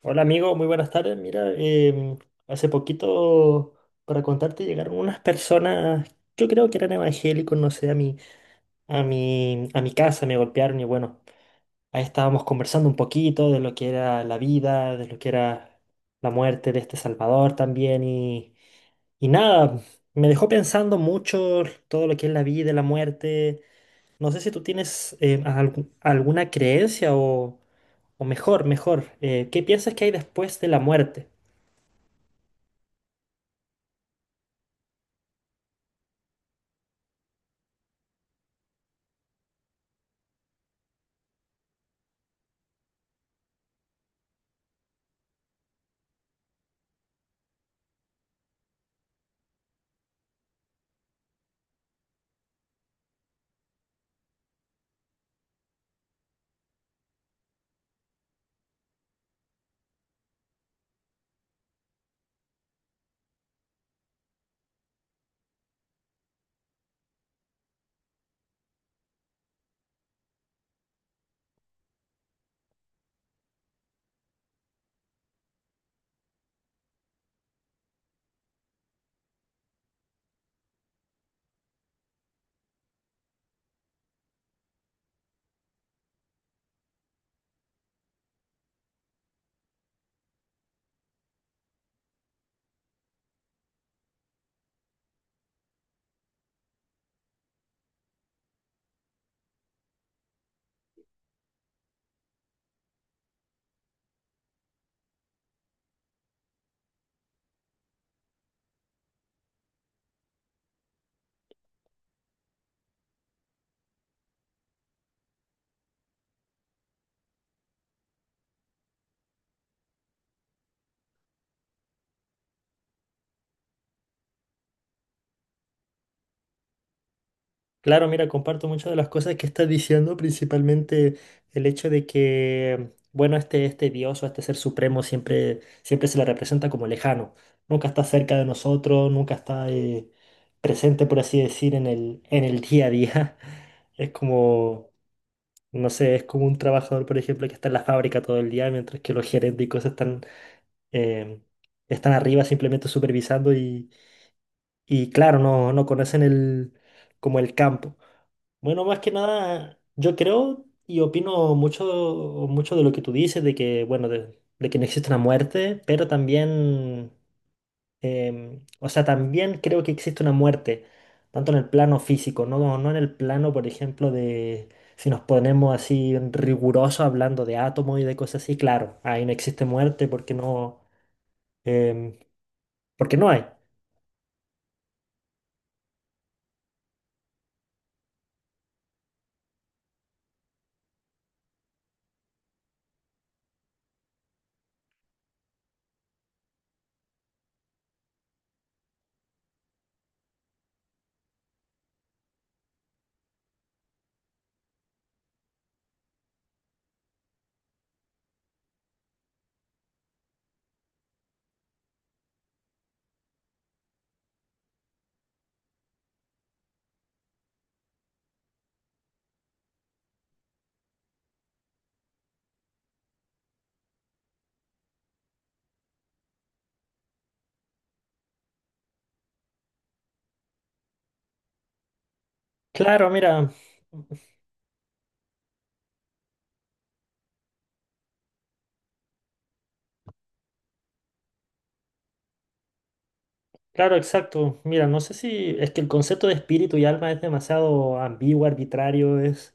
Hola amigo, muy buenas tardes. Mira, hace poquito, para contarte, llegaron unas personas, yo creo que eran evangélicos, no sé, a mi casa, me golpearon y bueno, ahí estábamos conversando un poquito de lo que era la vida, de lo que era la muerte de este Salvador también y nada, me dejó pensando mucho todo lo que es la vida y la muerte. No sé si tú tienes alguna creencia o mejor, ¿qué piensas que hay después de la muerte? Claro, mira, comparto muchas de las cosas que estás diciendo, principalmente el hecho de que, bueno, este Dios o este ser supremo siempre, siempre se le representa como lejano. Nunca está cerca de nosotros, nunca está presente, por así decir, en el día a día. Es como, no sé, es como un trabajador, por ejemplo, que está en la fábrica todo el día, mientras que los gerentes y cosas están, em, están arriba simplemente supervisando y claro, no, no conocen el, como el campo. Bueno, más que nada, yo creo y opino mucho, mucho de lo que tú dices, de que, bueno, de que no existe una muerte, pero también, o sea, también creo que existe una muerte, tanto en el plano físico, no, no en el plano, por ejemplo, de si nos ponemos así rigurosos hablando de átomos y de cosas así, claro, ahí no existe muerte porque no, em, porque no hay. Claro, mira. Claro, exacto. Mira, no sé si es que el concepto de espíritu y alma es demasiado ambiguo, arbitrario,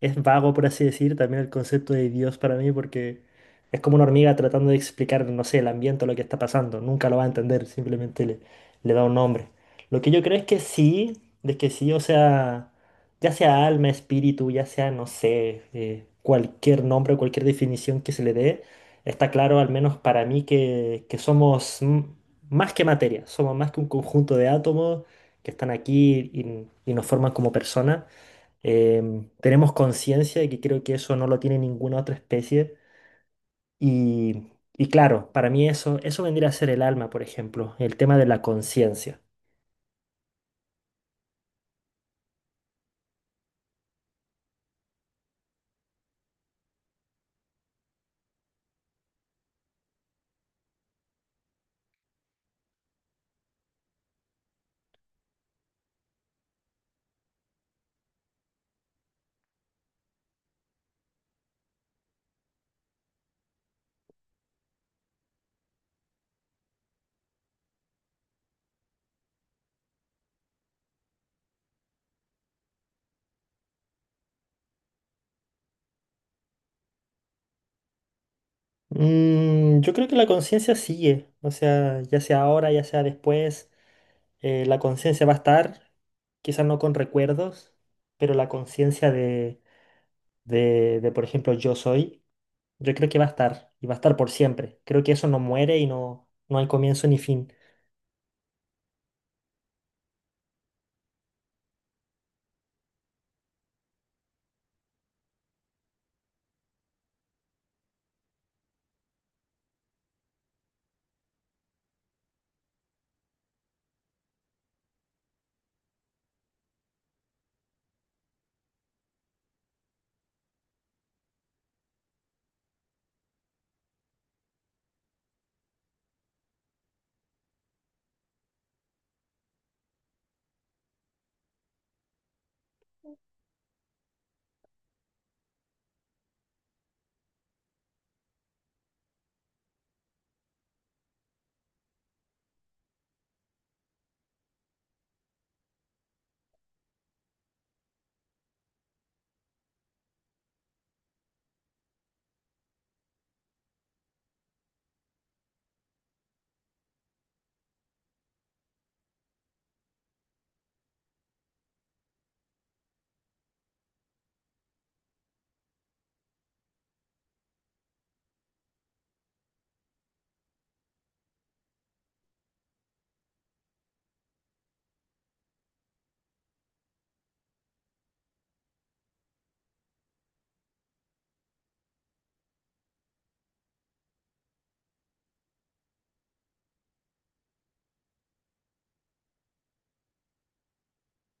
es vago, por así decir. También el concepto de Dios para mí, porque es como una hormiga tratando de explicar, no sé, el ambiente o lo que está pasando. Nunca lo va a entender, simplemente le da un nombre. Lo que yo creo es que sí, de que sí, o sea, ya sea alma, espíritu, ya sea, no sé, cualquier nombre, cualquier definición que se le dé, está claro, al menos para mí, que somos. Más que materia, somos más que un conjunto de átomos que están aquí y nos forman como personas. Tenemos conciencia y que creo que eso no lo tiene ninguna otra especie. Y, y claro, para mí eso, eso vendría a ser el alma, por ejemplo, el tema de la conciencia. Yo creo que la conciencia sigue, o sea, ya sea ahora, ya sea después, la conciencia va a estar, quizás no con recuerdos, pero la conciencia de, por ejemplo, yo soy. Yo creo que va a estar, y va a estar por siempre. Creo que eso no muere y no, no hay comienzo ni fin.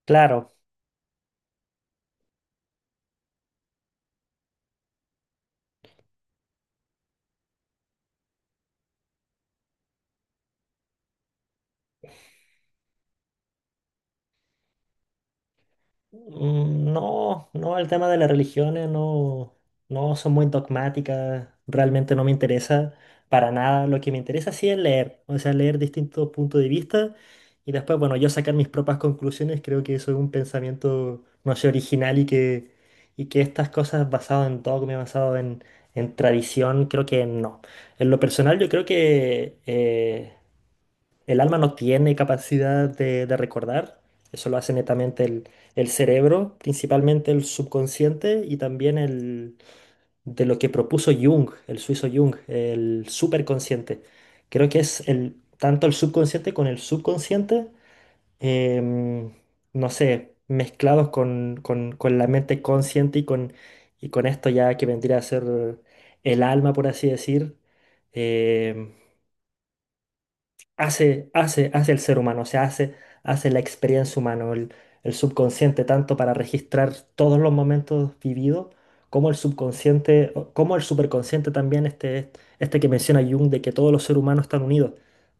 Claro, mm, no, no, el tema de las religiones no, no son muy dogmáticas, realmente no me interesa para nada. Lo que me interesa sí es leer, o sea, leer distintos puntos de vista y después, bueno, yo sacar mis propias conclusiones, creo que eso es un pensamiento, no sé, original y que estas cosas basadas en dogma, basado en tradición, creo que no. En lo personal yo creo que el alma no tiene capacidad de recordar, eso lo hace netamente el cerebro, principalmente el subconsciente y también el de lo que propuso Jung, el suizo Jung, el superconsciente. Creo que es el, tanto el subconsciente con el subconsciente, em, no sé, mezclados con, con la mente consciente y con esto ya que vendría a ser el alma, por así decir. em, hace hace el ser humano, o sea, hace la experiencia humana, el subconsciente, tanto para registrar todos los momentos vividos, como el subconsciente, o- como el superconsciente también, este que menciona Jung, de que todos los seres humanos están unidos,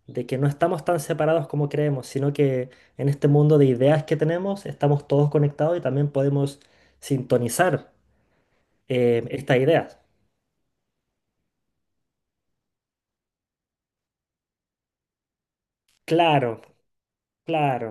de que no estamos tan separados como creemos, sino que en este mundo de ideas que tenemos estamos todos conectados y también podemos sintonizar estas ideas. Claro, claro.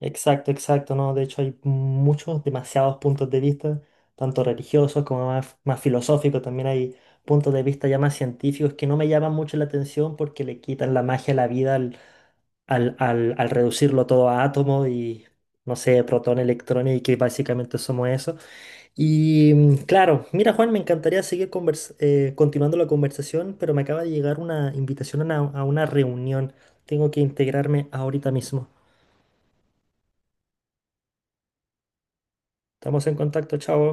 Exacto, exacto, ¿no? De hecho hay muchos, demasiados puntos de vista, tanto religiosos como más, más filosóficos, también hay puntos de vista ya más científicos que no me llaman mucho la atención porque le quitan la magia a la vida al reducirlo todo a átomos y, no sé, protón, electrón y que básicamente somos eso. Y claro, mira Juan, me encantaría seguir continuando la conversación, pero me acaba de llegar una invitación a una reunión. Tengo que integrarme ahorita mismo. Estamos en contacto, chao.